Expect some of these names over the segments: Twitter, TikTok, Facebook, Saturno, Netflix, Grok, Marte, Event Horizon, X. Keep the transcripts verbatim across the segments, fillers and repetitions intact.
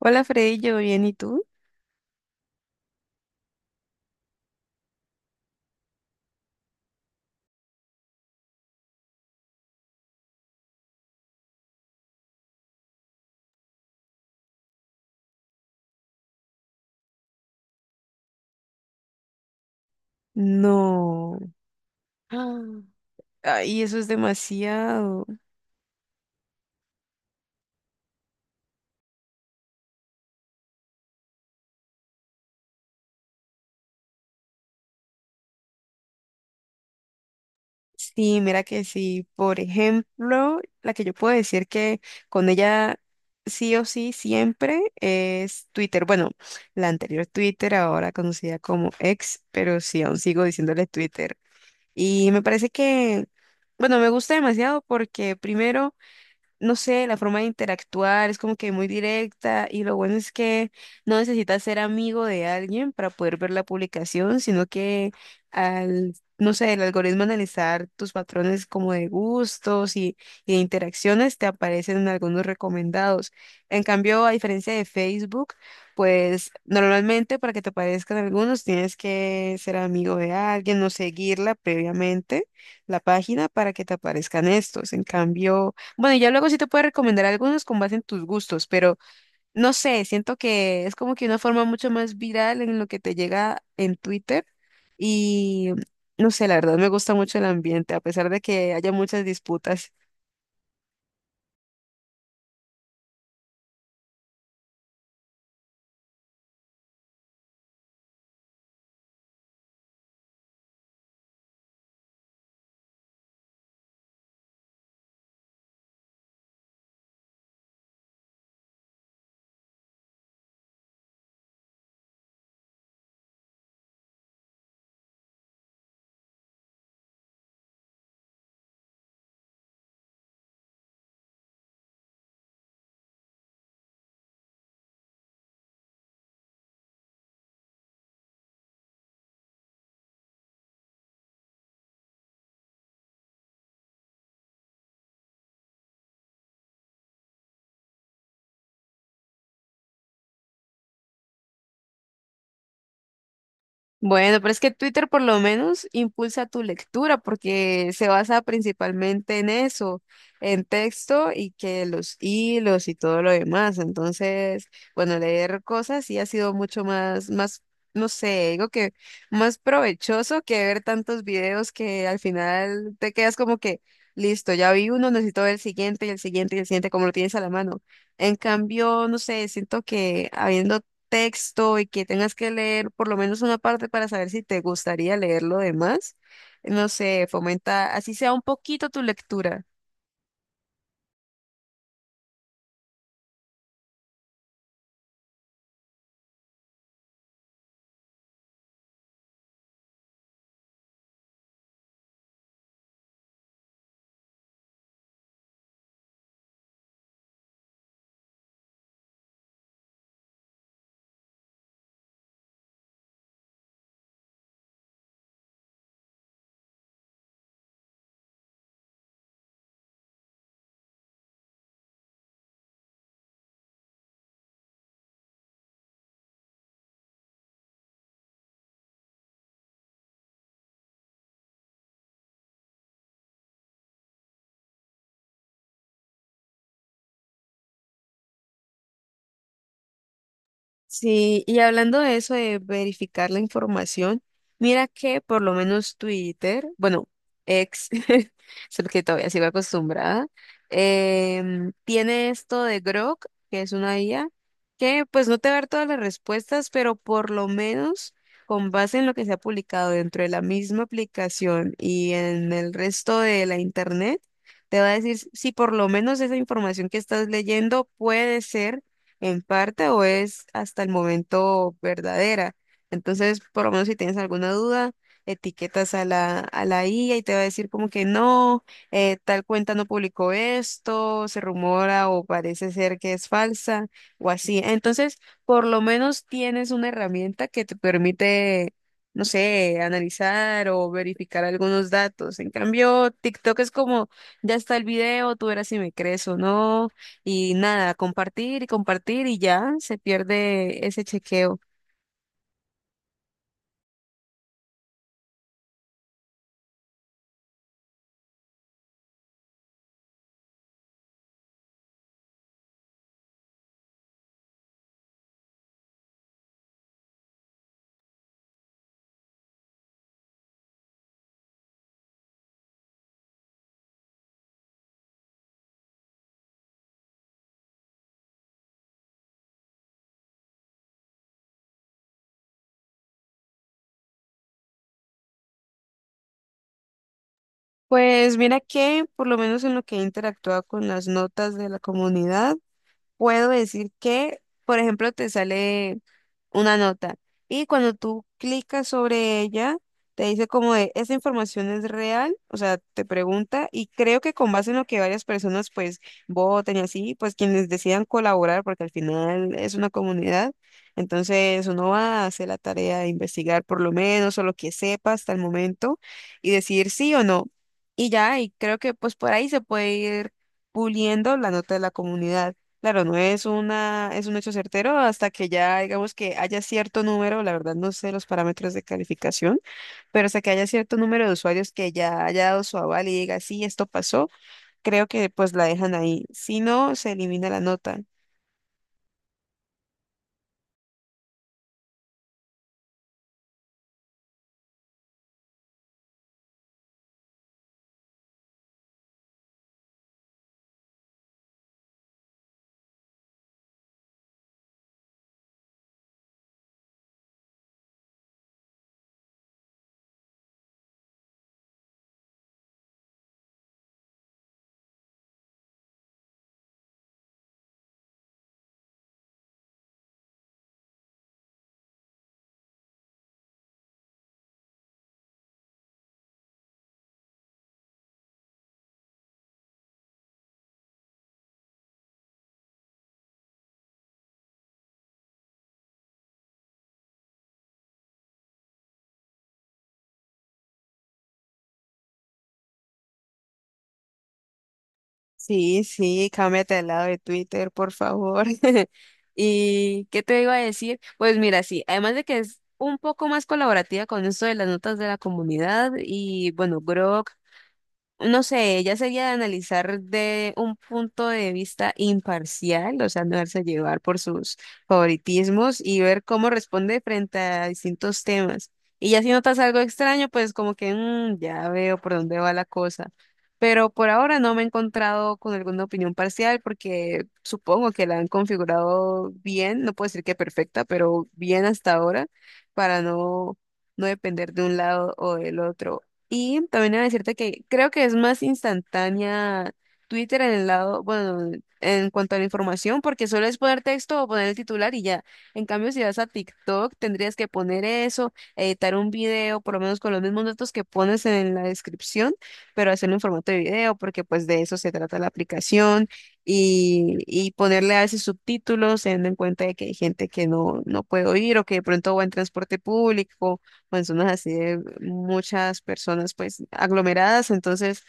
Hola Freddy, ¿yo bien y tú? No. Ah, ay, eso es demasiado. Sí, mira que sí. Por ejemplo, la que yo puedo decir que con ella sí o sí siempre es Twitter. Bueno, la anterior Twitter, ahora conocida como X, pero sí, aún sigo diciéndole Twitter. Y me parece que, bueno, me gusta demasiado porque primero, no sé, la forma de interactuar es como que muy directa y lo bueno es que no necesitas ser amigo de alguien para poder ver la publicación, sino que al, no sé, el algoritmo analizar tus patrones como de gustos y, y de interacciones te aparecen algunos recomendados. En cambio, a diferencia de Facebook, pues normalmente para que te aparezcan algunos tienes que ser amigo de alguien o seguirla previamente la página para que te aparezcan estos. En cambio, bueno, y ya luego sí te puedo recomendar algunos con base en tus gustos, pero no sé, siento que es como que una forma mucho más viral en lo que te llega en Twitter y no sé, la verdad me gusta mucho el ambiente, a pesar de que haya muchas disputas. Bueno, pero es que Twitter por lo menos impulsa tu lectura porque se basa principalmente en eso, en texto y que los hilos y todo lo demás. Entonces, bueno, leer cosas sí ha sido mucho más, más, no sé, digo que más provechoso que ver tantos videos que al final te quedas como que, listo, ya vi uno, necesito ver el siguiente y el siguiente y el siguiente, como lo tienes a la mano. En cambio, no sé, siento que habiendo texto y que tengas que leer por lo menos una parte para saber si te gustaría leer lo demás, no sé, fomenta así sea un poquito tu lectura. Sí, y hablando de eso de verificar la información, mira que por lo menos Twitter, bueno, ex, solo que todavía sigo acostumbrada, em, tiene esto de Grok, que es una I A, que pues no te va a dar todas las respuestas, pero por lo menos con base en lo que se ha publicado dentro de la misma aplicación y en el resto de la internet, te va a decir si por lo menos esa información que estás leyendo puede ser en parte o es hasta el momento verdadera. Entonces, por lo menos si tienes alguna duda, etiquetas a la, a la I A y te va a decir como que no, eh, tal cuenta no publicó esto, se rumora o parece ser que es falsa o así. Entonces, por lo menos tienes una herramienta que te permite, no sé, analizar o verificar algunos datos. En cambio, TikTok es como, ya está el video, tú verás si me crees o no y nada, compartir y compartir y ya se pierde ese chequeo. Pues mira que por lo menos en lo que he interactuado con las notas de la comunidad, puedo decir que, por ejemplo, te sale una nota. Y cuando tú clicas sobre ella, te dice como de, ¿esa información es real? O sea, te pregunta y creo que con base en lo que varias personas pues voten y así, pues quienes decidan colaborar, porque al final es una comunidad, entonces uno va a hacer la tarea de investigar por lo menos o lo que sepa hasta el momento y decidir sí o no. Y ya, y creo que pues por ahí se puede ir puliendo la nota de la comunidad. Claro, no es una, es un hecho certero hasta que ya digamos que haya cierto número, la verdad no sé los parámetros de calificación, pero hasta que haya cierto número de usuarios que ya haya dado su aval y diga, sí, esto pasó, creo que pues la dejan ahí. Si no, se elimina la nota. Sí, sí, cámbiate al lado de Twitter, por favor. ¿Y qué te iba a decir? Pues mira, sí, además de que es un poco más colaborativa con esto de las notas de la comunidad y bueno, Grok. No sé, ella sería de analizar de un punto de vista imparcial, o sea, no darse a llevar por sus favoritismos y ver cómo responde frente a distintos temas. Y ya si notas algo extraño, pues como que "Mm, ya veo por dónde va la cosa". Pero por ahora no me he encontrado con alguna opinión parcial porque supongo que la han configurado bien, no puedo decir que perfecta, pero bien hasta ahora para no, no depender de un lado o del otro. Y también a decirte que creo que es más instantánea Twitter en el lado, bueno, en cuanto a la información, porque solo es poner texto o poner el titular y ya. En cambio, si vas a TikTok, tendrías que poner eso, editar un video, por lo menos con los mismos datos que pones en la descripción, pero hacerlo en formato de video, porque pues de eso se trata la aplicación y, y ponerle a veces subtítulos, teniendo en cuenta de que hay gente que no, no puede oír o que de pronto va en transporte público manzonas así de muchas personas pues aglomeradas, entonces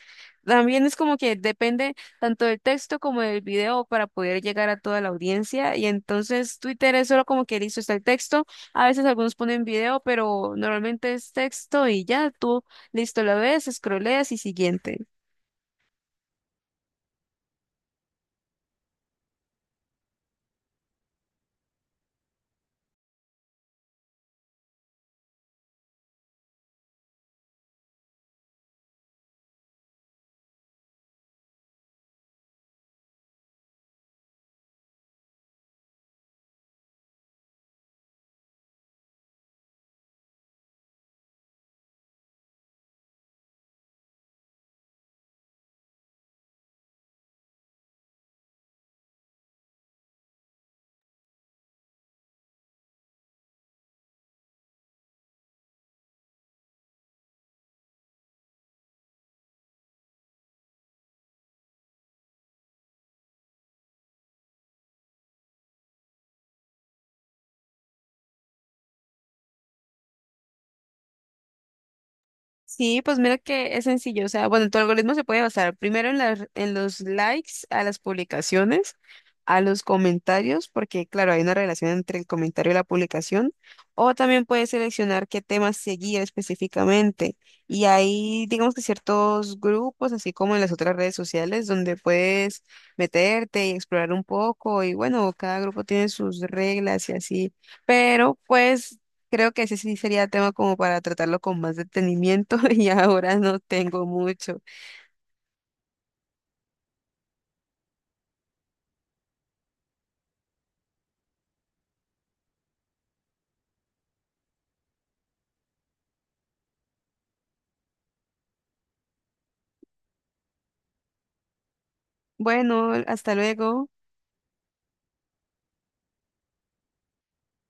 también es como que depende tanto del texto como del video para poder llegar a toda la audiencia y entonces Twitter es solo como que listo está el texto, a veces algunos ponen video, pero normalmente es texto y ya tú listo lo ves, scrolleas y siguiente. Sí, pues mira que es sencillo. O sea, bueno, tu algoritmo se puede basar primero en las, en los likes a las publicaciones, a los comentarios, porque claro, hay una relación entre el comentario y la publicación. O también puedes seleccionar qué temas seguir específicamente. Y hay, digamos que ciertos grupos, así como en las otras redes sociales, donde puedes meterte y explorar un poco. Y bueno, cada grupo tiene sus reglas y así. Pero pues, creo que ese sí sería tema como para tratarlo con más detenimiento y ahora no tengo mucho. Bueno, hasta luego.